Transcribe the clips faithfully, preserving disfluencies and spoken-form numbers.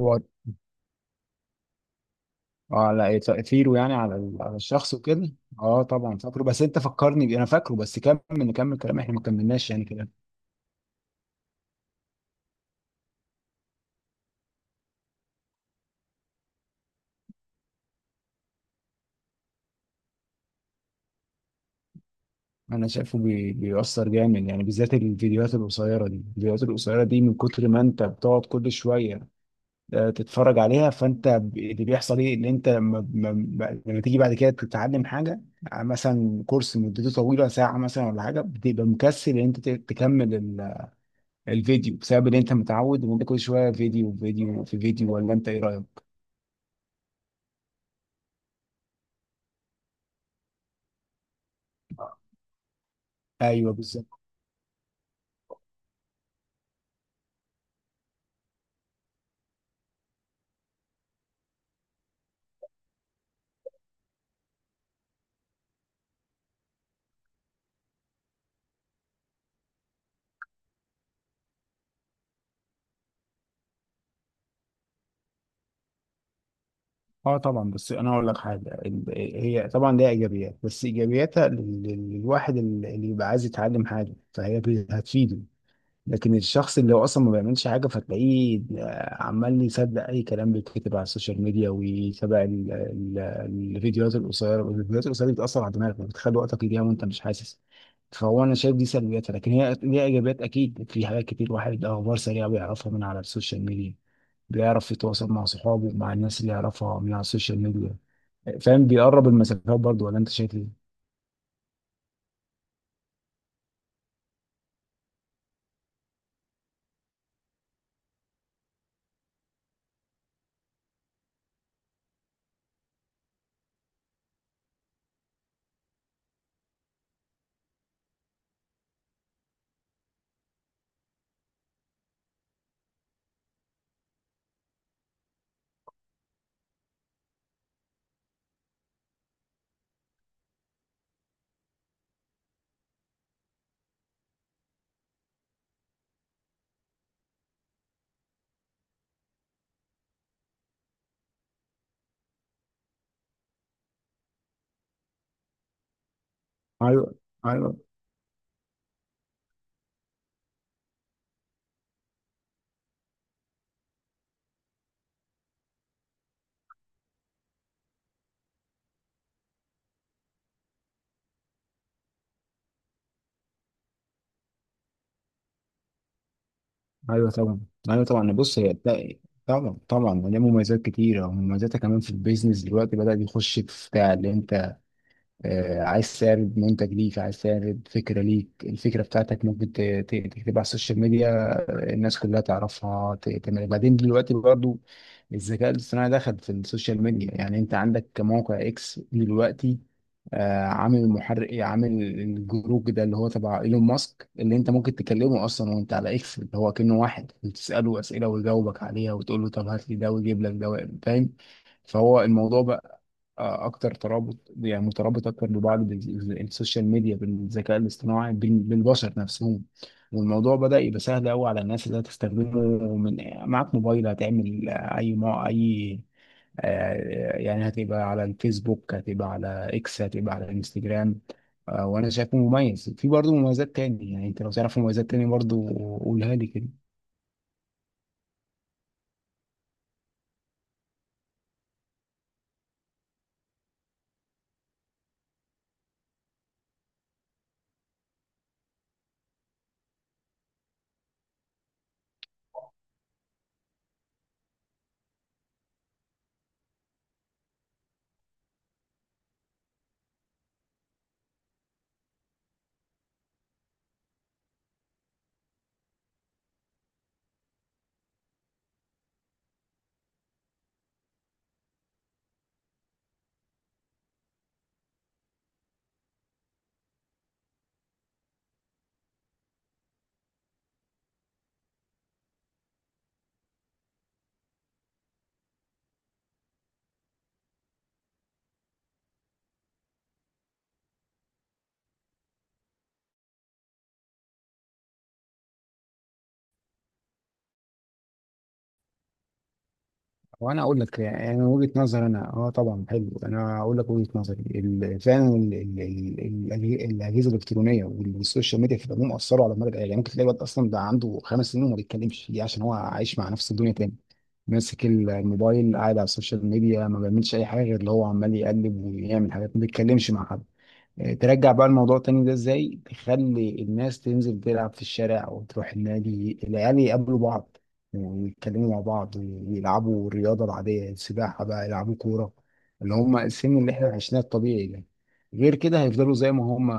هو، اه لا تأثيره يعني على ال- على الشخص وكده. اه طبعا فاكره، بس انت فكرني بيه، انا فاكره. بس كمل، نكمل كلام احنا ما كملناش يعني كده. انا شايفه بي... بيأثر جامد، يعني بالذات الفيديوهات القصيرة دي. الفيديوهات القصيرة دي من كتر ما انت بتقعد كل شوية آه، تتفرج عليها، فانت ب- اللي بيحصل ايه ان انت لما لما لما تيجي بعد كده تتعلم حاجة آه، مثلا كورس مدته طويلة ساعة مثلا ولا حاجة، بتبقى مكسل ان انت ت- تكمل الفيديو بسبب ان انت متعود ان انت كل شويه فيديو فيديو في فيديو. ولا انت ايه رايك؟ ايوه بالظبط. اه طبعا، بس انا اقول لك حاجه. ال- هي طبعا ليها ايجابيات، بس ايجابياتها لل- للواحد اللي اللي يبقى عايز يتعلم حاجه، فهي بي- هتفيده. لكن الشخص اللي هو اصلا ما بيعملش حاجه، فتلاقيه آه، عمال يصدق اي كلام بيتكتب على السوشيال ميديا، ويتابع ال- ال- الفيديوهات القصيره. والفيديوهات القصيره دي بتاثر على دماغك، بتخلي وقتك يضيع وانت مش حاسس. فهو انا شايف دي سلبياتها، لكن هي ليها ايجابيات اكيد في حاجات كتير. واحد اخبار سريعه بيعرفها من على السوشيال ميديا، بيعرف يتواصل مع صحابه، مع الناس اللي يعرفها من على السوشيال ميديا. فاهم؟ بيقرب المسافات برضه. ولا انت شايف ايه؟ ايوه. ايوه. ايوه طبعا. ايوه طبعا، بص، هي تلاقي طبعا طبعا ليها مميزات كتيره، ومميزاتها كمان في البيزنس دلوقتي بدأ يخش في بتاع، اللي انت آه، عايز تعرض منتج ليك، عايز تعرض فكرة ليك، الفكرة بتاعتك ممكن ت- ت- تكتبها على السوشيال ميديا آه، الناس كلها تعرفها ت- تعمل. بعدين دلوقتي برضو الذكاء الاصطناعي دخل في السوشيال ميديا، يعني انت عندك موقع اكس دلوقتي آه، عامل محرك، عامل الجروب ده اللي هو تبع ايلون ماسك، اللي انت ممكن تكلمه اصلا وانت على اكس، اللي هو كأنه واحد، وتسأله اسئلة ويجاوبك عليها، وتقول له طب هات لي ده ويجيب لك ده. فاهم؟ فهو الموضوع بقى آه، اكتر ترابط، يعني مترابط اكتر ببعض بال- السوشيال ميديا بالذكاء الاصطناعي بال- بالبشر نفسهم. والموضوع بدأ يبقى سهل قوي على الناس اللي هتستخدمه. من معاك موبايل هتعمل آه، اي ما اي آه، يعني هتبقى على الفيسبوك، هتبقى على اكس، هتبقى على الانستجرام آه، وانا شايفه مميز. في برضه مميزات تاني، يعني انت لو تعرف مميزات تاني برضه قولها لي كده. وانا اقول لك، يعني من وجهه نظري انا، اه طبعا حلو. انا اقول لك وجهه نظري ال- فعلا ال- ال- ال- الأجه- الاجهزه الالكترونيه والسوشيال ميديا في العموم اثروا على المدى القريب. يعني ممكن تلاقي واحد اصلا ده عنده خمس سنين وما بيتكلمش، دي عشان هو عايش مع نفسه الدنيا تاني، ماسك الموبايل، قاعد على السوشيال ميديا، ما بيعملش اي حاجه غير اللي هو عمال يقلب ويعمل حاجات، ما بيتكلمش مع حد. آه، ترجع بقى الموضوع تاني ده ازاي؟ تخلي الناس تنزل تلعب في الشارع وتروح النادي، العيال يقابلوا بعض ويتكلموا مع بعض، ويلعبوا الرياضة العادية، السباحة بقى، يلعبوا كورة، اللي هم السن اللي احنا عشناه الطبيعي ده. غير كده هيفضلوا زي ما هم،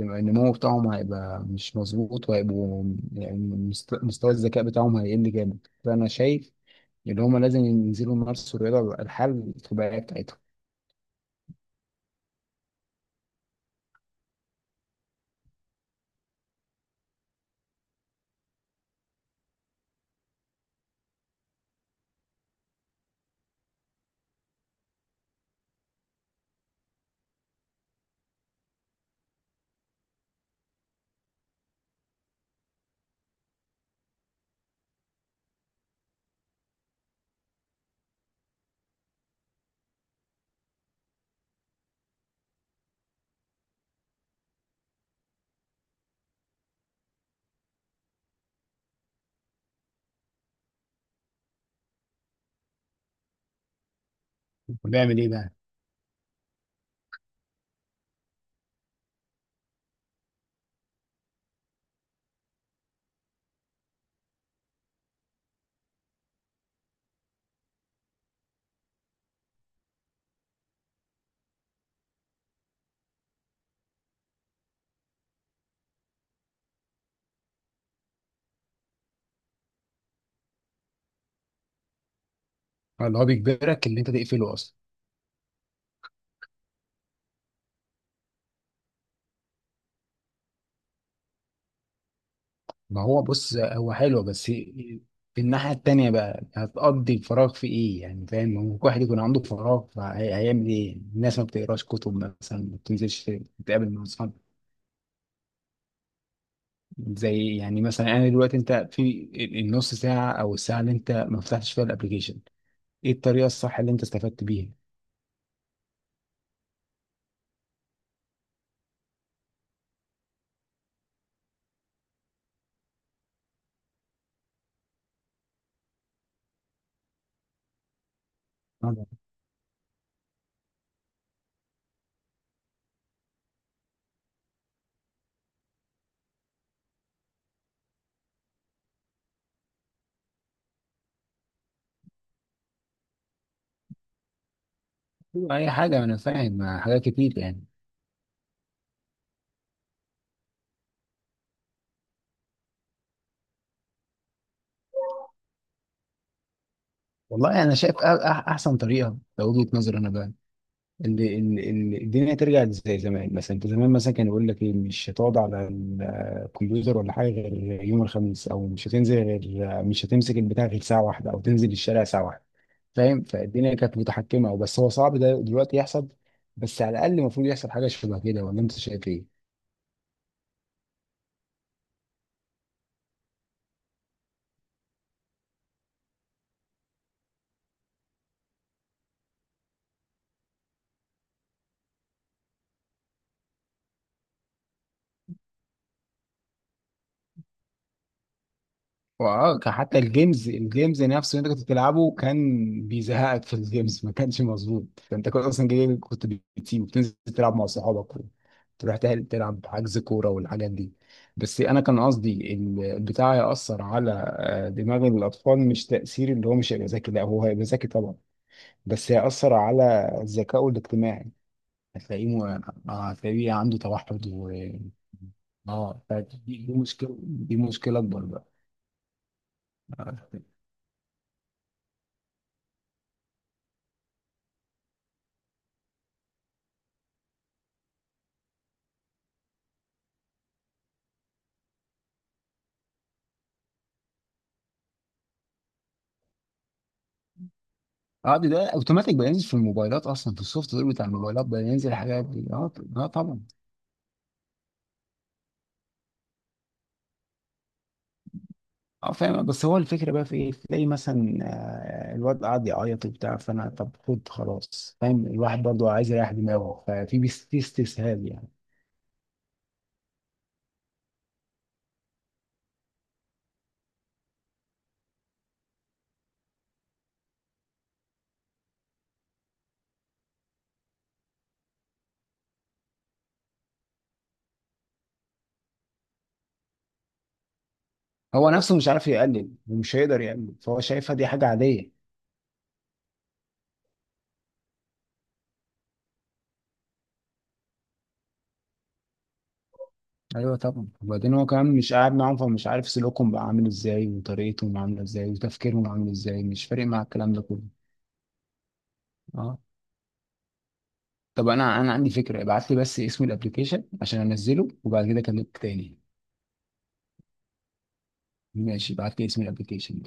النمو بتاعهم هيبقى مش مظبوط، وهيبقوا يعني مست- مستوى الذكاء بتاعهم هيقل جامد. فأنا شايف إن هم لازم ينزلوا يمارسوا الرياضة، الحل الطبيعية بتاعتهم. بيعمل إيه بقى؟ اللي هو بيجبرك إن أنت تقفله أصلا. ما هو بص، هو حلو، بس في الناحية التانية بقى هتقضي الفراغ في ايه؟ يعني فاهم، ممكن واحد يكون عنده فراغ، فهيعمل ايه؟ الناس ما بتقراش كتب مثلا، ما بتنزلش تتقابل مع اصحاب. زي يعني مثلا انا دلوقتي، انت في النص ساعة او الساعة اللي انت ما فتحتش فيها الابليكيشن، ايه الطريقة الصح اللي انت استفدت بيها؟ طبعاً. اي حاجة، انا فاهم، حاجات كتير يعني. والله انا شايف أ- أح- احسن طريقة، لو وجهة نظري انا بقى، ان ان ان الدنيا ترجع زي زمان. مثلا انت زمان مثلا كان يقول لك ايه، مش هتقعد على الكمبيوتر ولا حاجه غير يوم الخميس، او مش هتنزل غير، مش هتمسك البتاع غير ساعه واحده، او تنزل الشارع ساعه واحده. فاهم؟ فالدنيا كانت متحكمه. بس هو صعب ده دلوقتي يحصل، بس على الاقل المفروض يحصل حاجه شبه كده. ولا انت شايف ايه؟ واه، كان حتى الجيمز، الجيمز نفسه اللي انت كنت بتلعبه كان بيزهقك. في الجيمز ما كانش مظبوط، انت كنت اصلا جاي، كنت بتسيب وبتنزل تلعب مع صحابك، وتروح تل- تلعب حجز كوره والحاجات دي. بس انا كان قصدي ال- البتاع ياثر على آه، دماغ الاطفال، مش تاثير اللي هو مش هيبقى ذكي، لا هو هيبقى ذكي طبعا، بس هياثر على ذكائه الاجتماعي. هتلاقيه م- آه، هتلاقيه عنده توحد و اه فدي- دي مشكله، دي مشكله اكبر بقى. اه ده ده اوتوماتيك بقى ينزل في الموبايلات، اصلا في السوفت وير بتاع الموبايلات بقى ينزل الحاجات دي. اه ط- اه طبعا. اه فاهم، بس هو الفكره بقى في ايه؟ تلاقي مثلا آه، الواد قاعد يعيط وبتاع، فانا طب خد خلاص. فاهم، الواحد برضه عايز يريح دماغه، ففي بيس- في استسهال يعني. هو نفسه مش عارف يقلل ومش هيقدر يقلل، فهو شايفها دي حاجه عاديه. ايوه طبعا، وبعدين هو كمان مش قاعد معاهم، فمش عارف سلوكهم بقى عامل ازاي، وطريقتهم عامله ازاي، وتفكيرهم عامل ازاي. مش فارق مع الكلام ده كله. اه. طب انا انا عندي فكره، ابعت لي بس اسم الابلكيشن عشان انزله، وبعد كده اكلمك تاني. ماشي، ابعت لي اسم الابلكيشن.